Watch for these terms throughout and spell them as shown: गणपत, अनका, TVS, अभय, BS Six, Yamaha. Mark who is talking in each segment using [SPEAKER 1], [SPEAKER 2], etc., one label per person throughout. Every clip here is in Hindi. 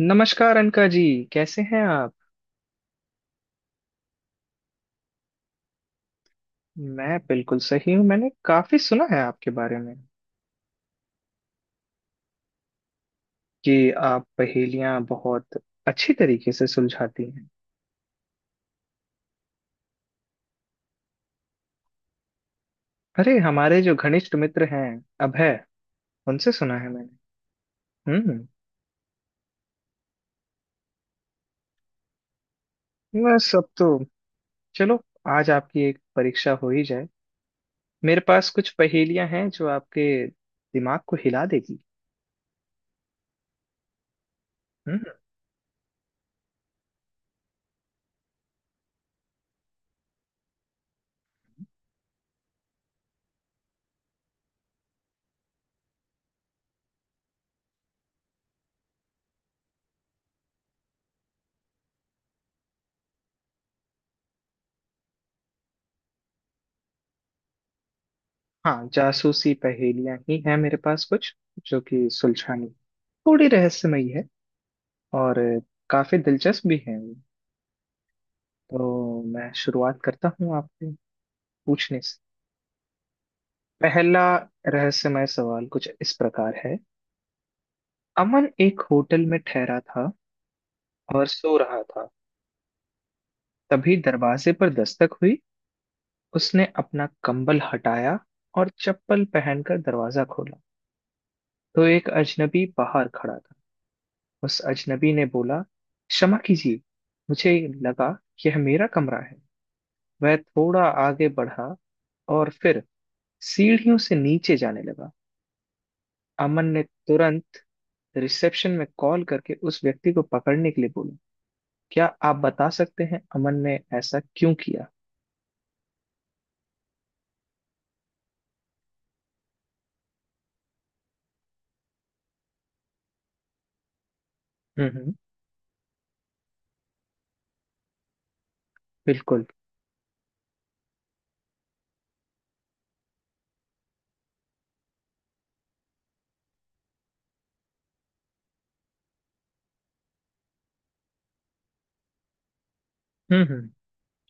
[SPEAKER 1] नमस्कार अनका जी। कैसे हैं आप? मैं बिल्कुल सही हूँ। मैंने काफी सुना है आपके बारे में, कि आप पहेलियां बहुत अच्छी तरीके से सुलझाती हैं। अरे, हमारे जो घनिष्ठ मित्र हैं अभय, उनसे सुना है मैंने। हम्म। मैं सब तो, चलो, आज आपकी एक परीक्षा हो ही जाए। मेरे पास कुछ पहेलियां हैं जो आपके दिमाग को हिला देगी। हम्म। हाँ, जासूसी पहेलियां ही हैं मेरे पास कुछ, जो कि सुलझानी थोड़ी रहस्यमयी है, और काफी दिलचस्प भी है। तो मैं शुरुआत करता हूँ आपसे पूछने से। पहला रहस्यमय सवाल कुछ इस प्रकार है। अमन एक होटल में ठहरा था और सो रहा था, तभी दरवाजे पर दस्तक हुई। उसने अपना कंबल हटाया और चप्पल पहनकर दरवाजा खोला, तो एक अजनबी बाहर खड़ा था। उस अजनबी ने बोला, क्षमा कीजिए, मुझे लगा यह मेरा कमरा है। वह थोड़ा आगे बढ़ा और फिर सीढ़ियों से नीचे जाने लगा। अमन ने तुरंत रिसेप्शन में कॉल करके उस व्यक्ति को पकड़ने के लिए बोला। क्या आप बता सकते हैं अमन ने ऐसा क्यों किया? हम्म। बिल्कुल। हम्म हम्म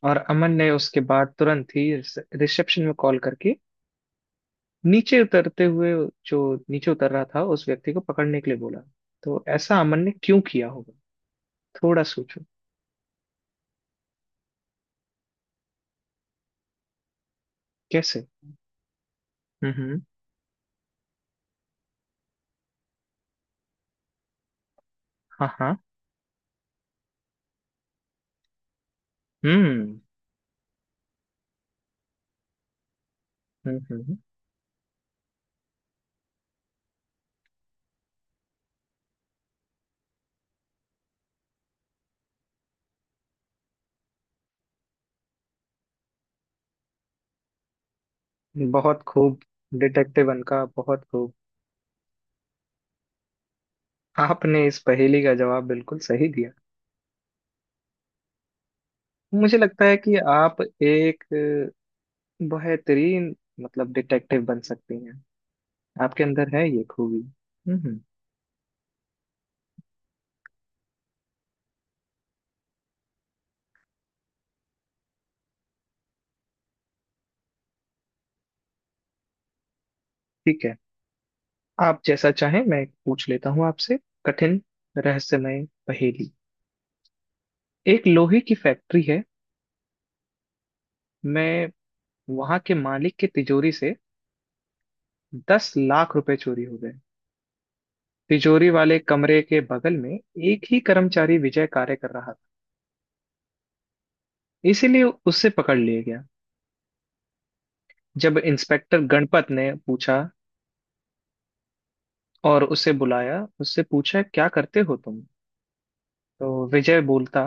[SPEAKER 1] और अमन ने उसके बाद तुरंत ही रिसेप्शन में कॉल करके, नीचे उतरते हुए जो नीचे उतर रहा था उस व्यक्ति को पकड़ने के लिए बोला। तो ऐसा अमन ने क्यों किया होगा? थोड़ा सोचो। कैसे? हम्म। हाँ हाँ। हम्म हम्म। हम्म। बहुत खूब, डिटेक्टिव अनका, बहुत खूब। आपने इस पहेली का जवाब बिल्कुल सही दिया। मुझे लगता है कि आप एक बेहतरीन, मतलब डिटेक्टिव बन सकती हैं। आपके अंदर है ये खूबी। हम्म। ठीक है। आप जैसा चाहें, मैं पूछ लेता हूँ आपसे कठिन रहस्यमय पहेली। एक लोहे की फैक्ट्री है। मैं वहां के मालिक की तिजोरी से 10 लाख रुपए चोरी हो गए। तिजोरी वाले कमरे के बगल में एक ही कर्मचारी विजय कार्य कर रहा था, इसीलिए उससे पकड़ लिया गया। जब इंस्पेक्टर गणपत ने पूछा और उसे बुलाया, उससे पूछा, क्या करते हो तुम? तो विजय बोलता,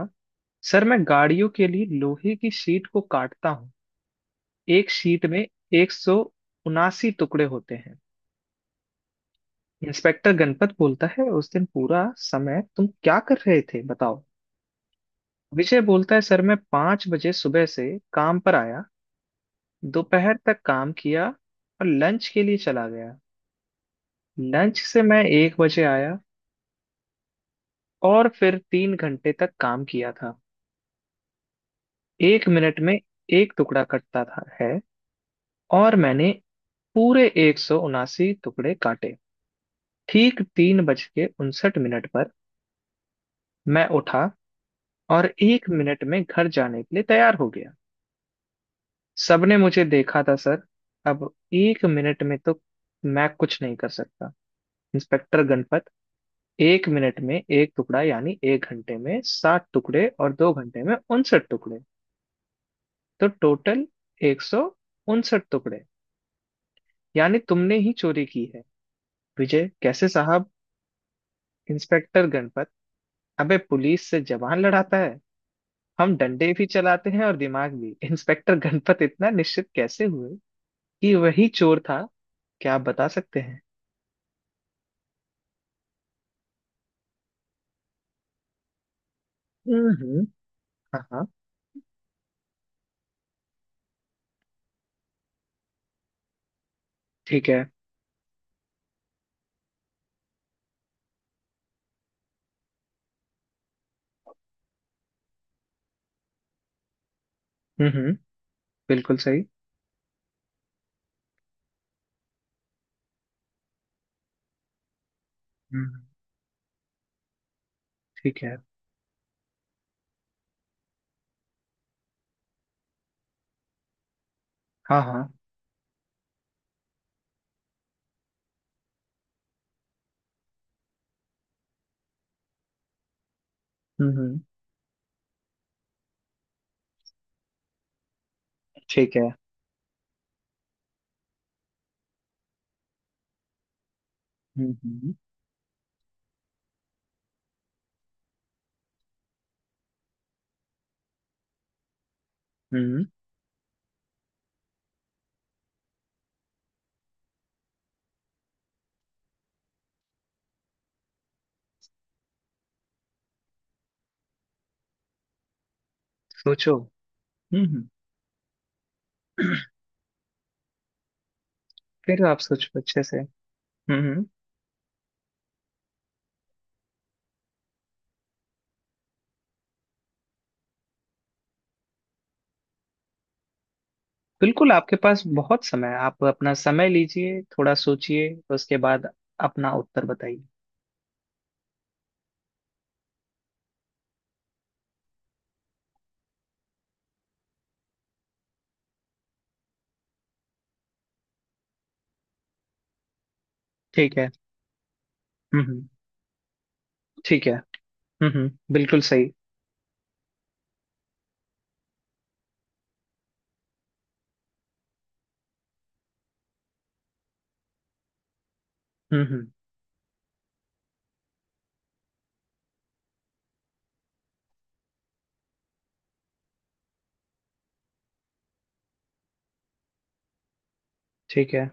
[SPEAKER 1] सर मैं गाड़ियों के लिए लोहे की शीट को काटता हूँ। एक शीट में 179 टुकड़े होते हैं। इंस्पेक्टर गणपत बोलता है, उस दिन पूरा समय तुम क्या कर रहे थे, बताओ। विजय बोलता है, सर मैं 5 बजे सुबह से काम पर आया, दोपहर तक काम किया, और लंच के लिए चला गया। लंच से मैं 1 बजे आया, और फिर 3 घंटे तक काम किया था। एक मिनट में एक टुकड़ा कटता था है, और मैंने पूरे 179 टुकड़े काटे। ठीक 3:59 पर मैं उठा, और एक मिनट में घर जाने के लिए तैयार हो गया। सबने मुझे देखा था सर। अब एक मिनट में तो मैं कुछ नहीं कर सकता। इंस्पेक्टर गणपत, एक मिनट में एक टुकड़ा, यानी एक घंटे में 7 टुकड़े, और 2 घंटे में 59 टुकड़े। तो टोटल 159 टुकड़े, यानी तुमने ही चोरी की है। विजय, कैसे साहब? इंस्पेक्टर गणपत, अबे पुलिस से जबान लड़ाता है, हम डंडे भी चलाते हैं और दिमाग भी। इंस्पेक्टर गणपत इतना निश्चित कैसे हुए कि वही चोर था? क्या आप बता सकते हैं? हम्म। हाँ हाँ। ठीक है। हम्म। बिल्कुल सही। हम्म। ठीक है। हाँ हाँ। हम्म। ठीक है। हम्म। हम्म, सोचो। हम्म। फिर आप सोचो अच्छे से। हम्म। बिल्कुल, आपके पास बहुत समय है। आप अपना समय लीजिए, थोड़ा सोचिए, उसके बाद अपना उत्तर बताइए। ठीक है। हम्म। ठीक है। बिल्कुल सही। हम्म। ठीक है।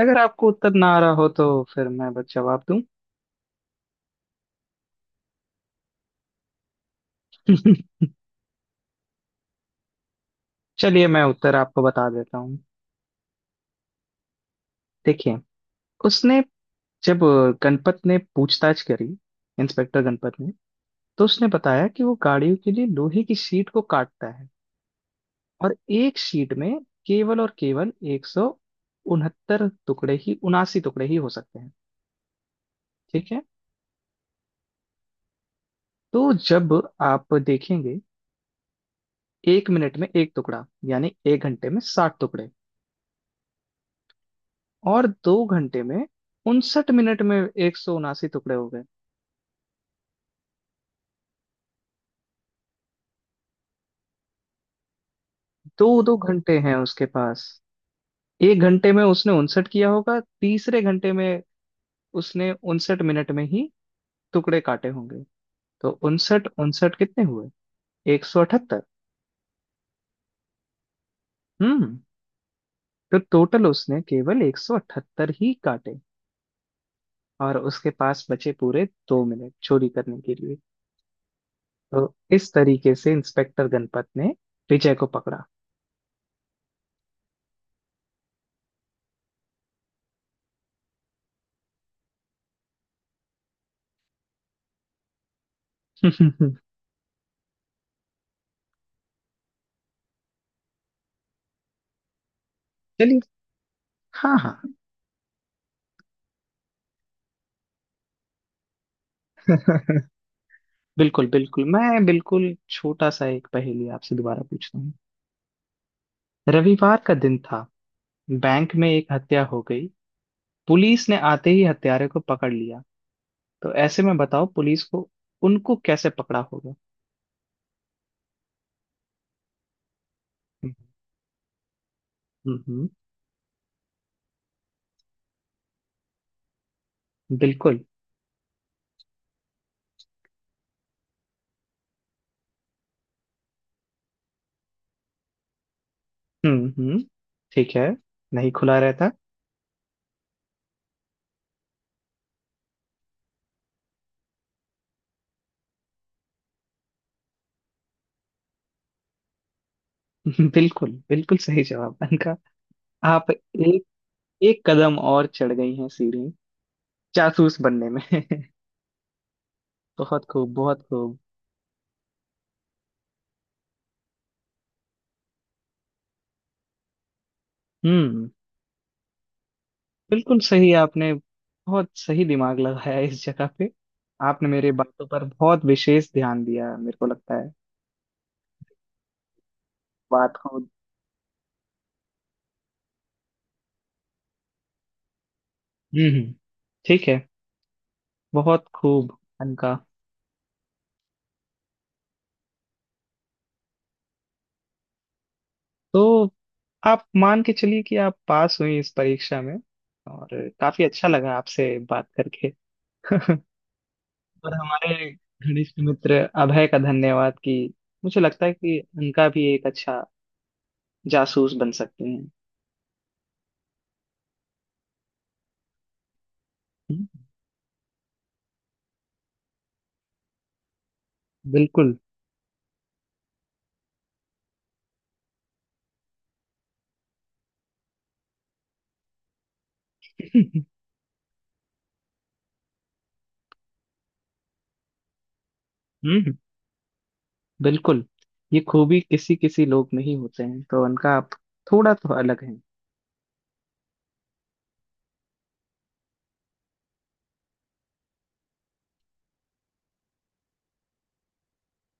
[SPEAKER 1] अगर आपको उत्तर ना आ रहा हो, तो फिर मैं बस जवाब दूं? चलिए, मैं उत्तर आपको बता देता हूँ। देखिए, उसने जब गणपत ने पूछताछ करी, इंस्पेक्टर गणपत ने, तो उसने बताया कि वो गाड़ियों के लिए लोहे की शीट को काटता है। और एक शीट में केवल और केवल एक सौ उनहत्तर टुकड़े ही, उनासी टुकड़े ही हो सकते हैं। ठीक है। तो जब आप देखेंगे, एक मिनट में एक टुकड़ा, यानी एक घंटे में 60 टुकड़े। और दो घंटे में, 59 मिनट में, 179 टुकड़े हो गए। दो दो घंटे हैं उसके पास, एक घंटे में उसने उनसठ किया होगा, तीसरे घंटे में उसने 59 मिनट में ही टुकड़े काटे होंगे। तो उनसठ उनसठ कितने हुए? 178। हम्म। तो टोटल उसने केवल 178 ही काटे, और उसके पास बचे पूरे 2 मिनट चोरी करने के लिए। तो इस तरीके से इंस्पेक्टर गणपत ने विजय को पकड़ा। चलिए। हाँ हाँ। बिल्कुल बिल्कुल, मैं बिल्कुल छोटा सा एक पहेली आपसे दोबारा पूछता हूँ। रविवार का दिन था। बैंक में एक हत्या हो गई। पुलिस ने आते ही हत्यारे को पकड़ लिया। तो ऐसे में बताओ, पुलिस को, उनको कैसे पकड़ा होगा? हम्म। बिल्कुल। हम्म। ठीक है। नहीं खुला रहता। बिल्कुल बिल्कुल सही जवाब अनका। आप एक, एक कदम और चढ़ गई हैं सीढ़ी, जासूस बनने में। बहुत खूब, बहुत खूब। हम्म। बिल्कुल सही, आपने बहुत सही दिमाग लगाया इस जगह पे। आपने मेरे बातों पर बहुत विशेष ध्यान दिया, मेरे को लगता है, बात को। हम्म। ठीक है। बहुत खूब अनका। तो आप मान के चलिए कि आप पास हुई इस परीक्षा में। और काफी अच्छा लगा आपसे बात करके। और हमारे घनिष्ठ मित्र अभय का धन्यवाद, कि मुझे लगता है कि उनका भी एक अच्छा जासूस बन सकते हैं। हम्म। बिल्कुल। हम्म बिल्कुल, ये खूबी किसी किसी लोग में ही होते हैं, तो उनका, आप थोड़ा तो अलग हैं।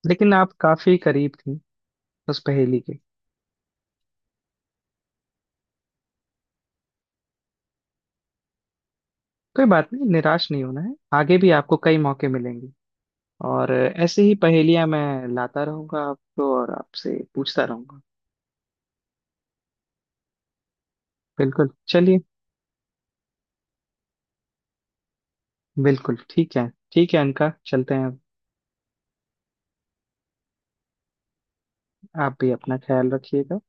[SPEAKER 1] लेकिन आप काफी करीब थी उस पहेली के। कोई बात नहीं, निराश नहीं होना है, आगे भी आपको कई मौके मिलेंगे। और ऐसे ही पहेलियां मैं लाता रहूंगा आपको, और आपसे पूछता रहूंगा। बिल्कुल, चलिए। बिल्कुल, ठीक है, ठीक है अनका, चलते हैं। आप भी अपना ख्याल रखिएगा।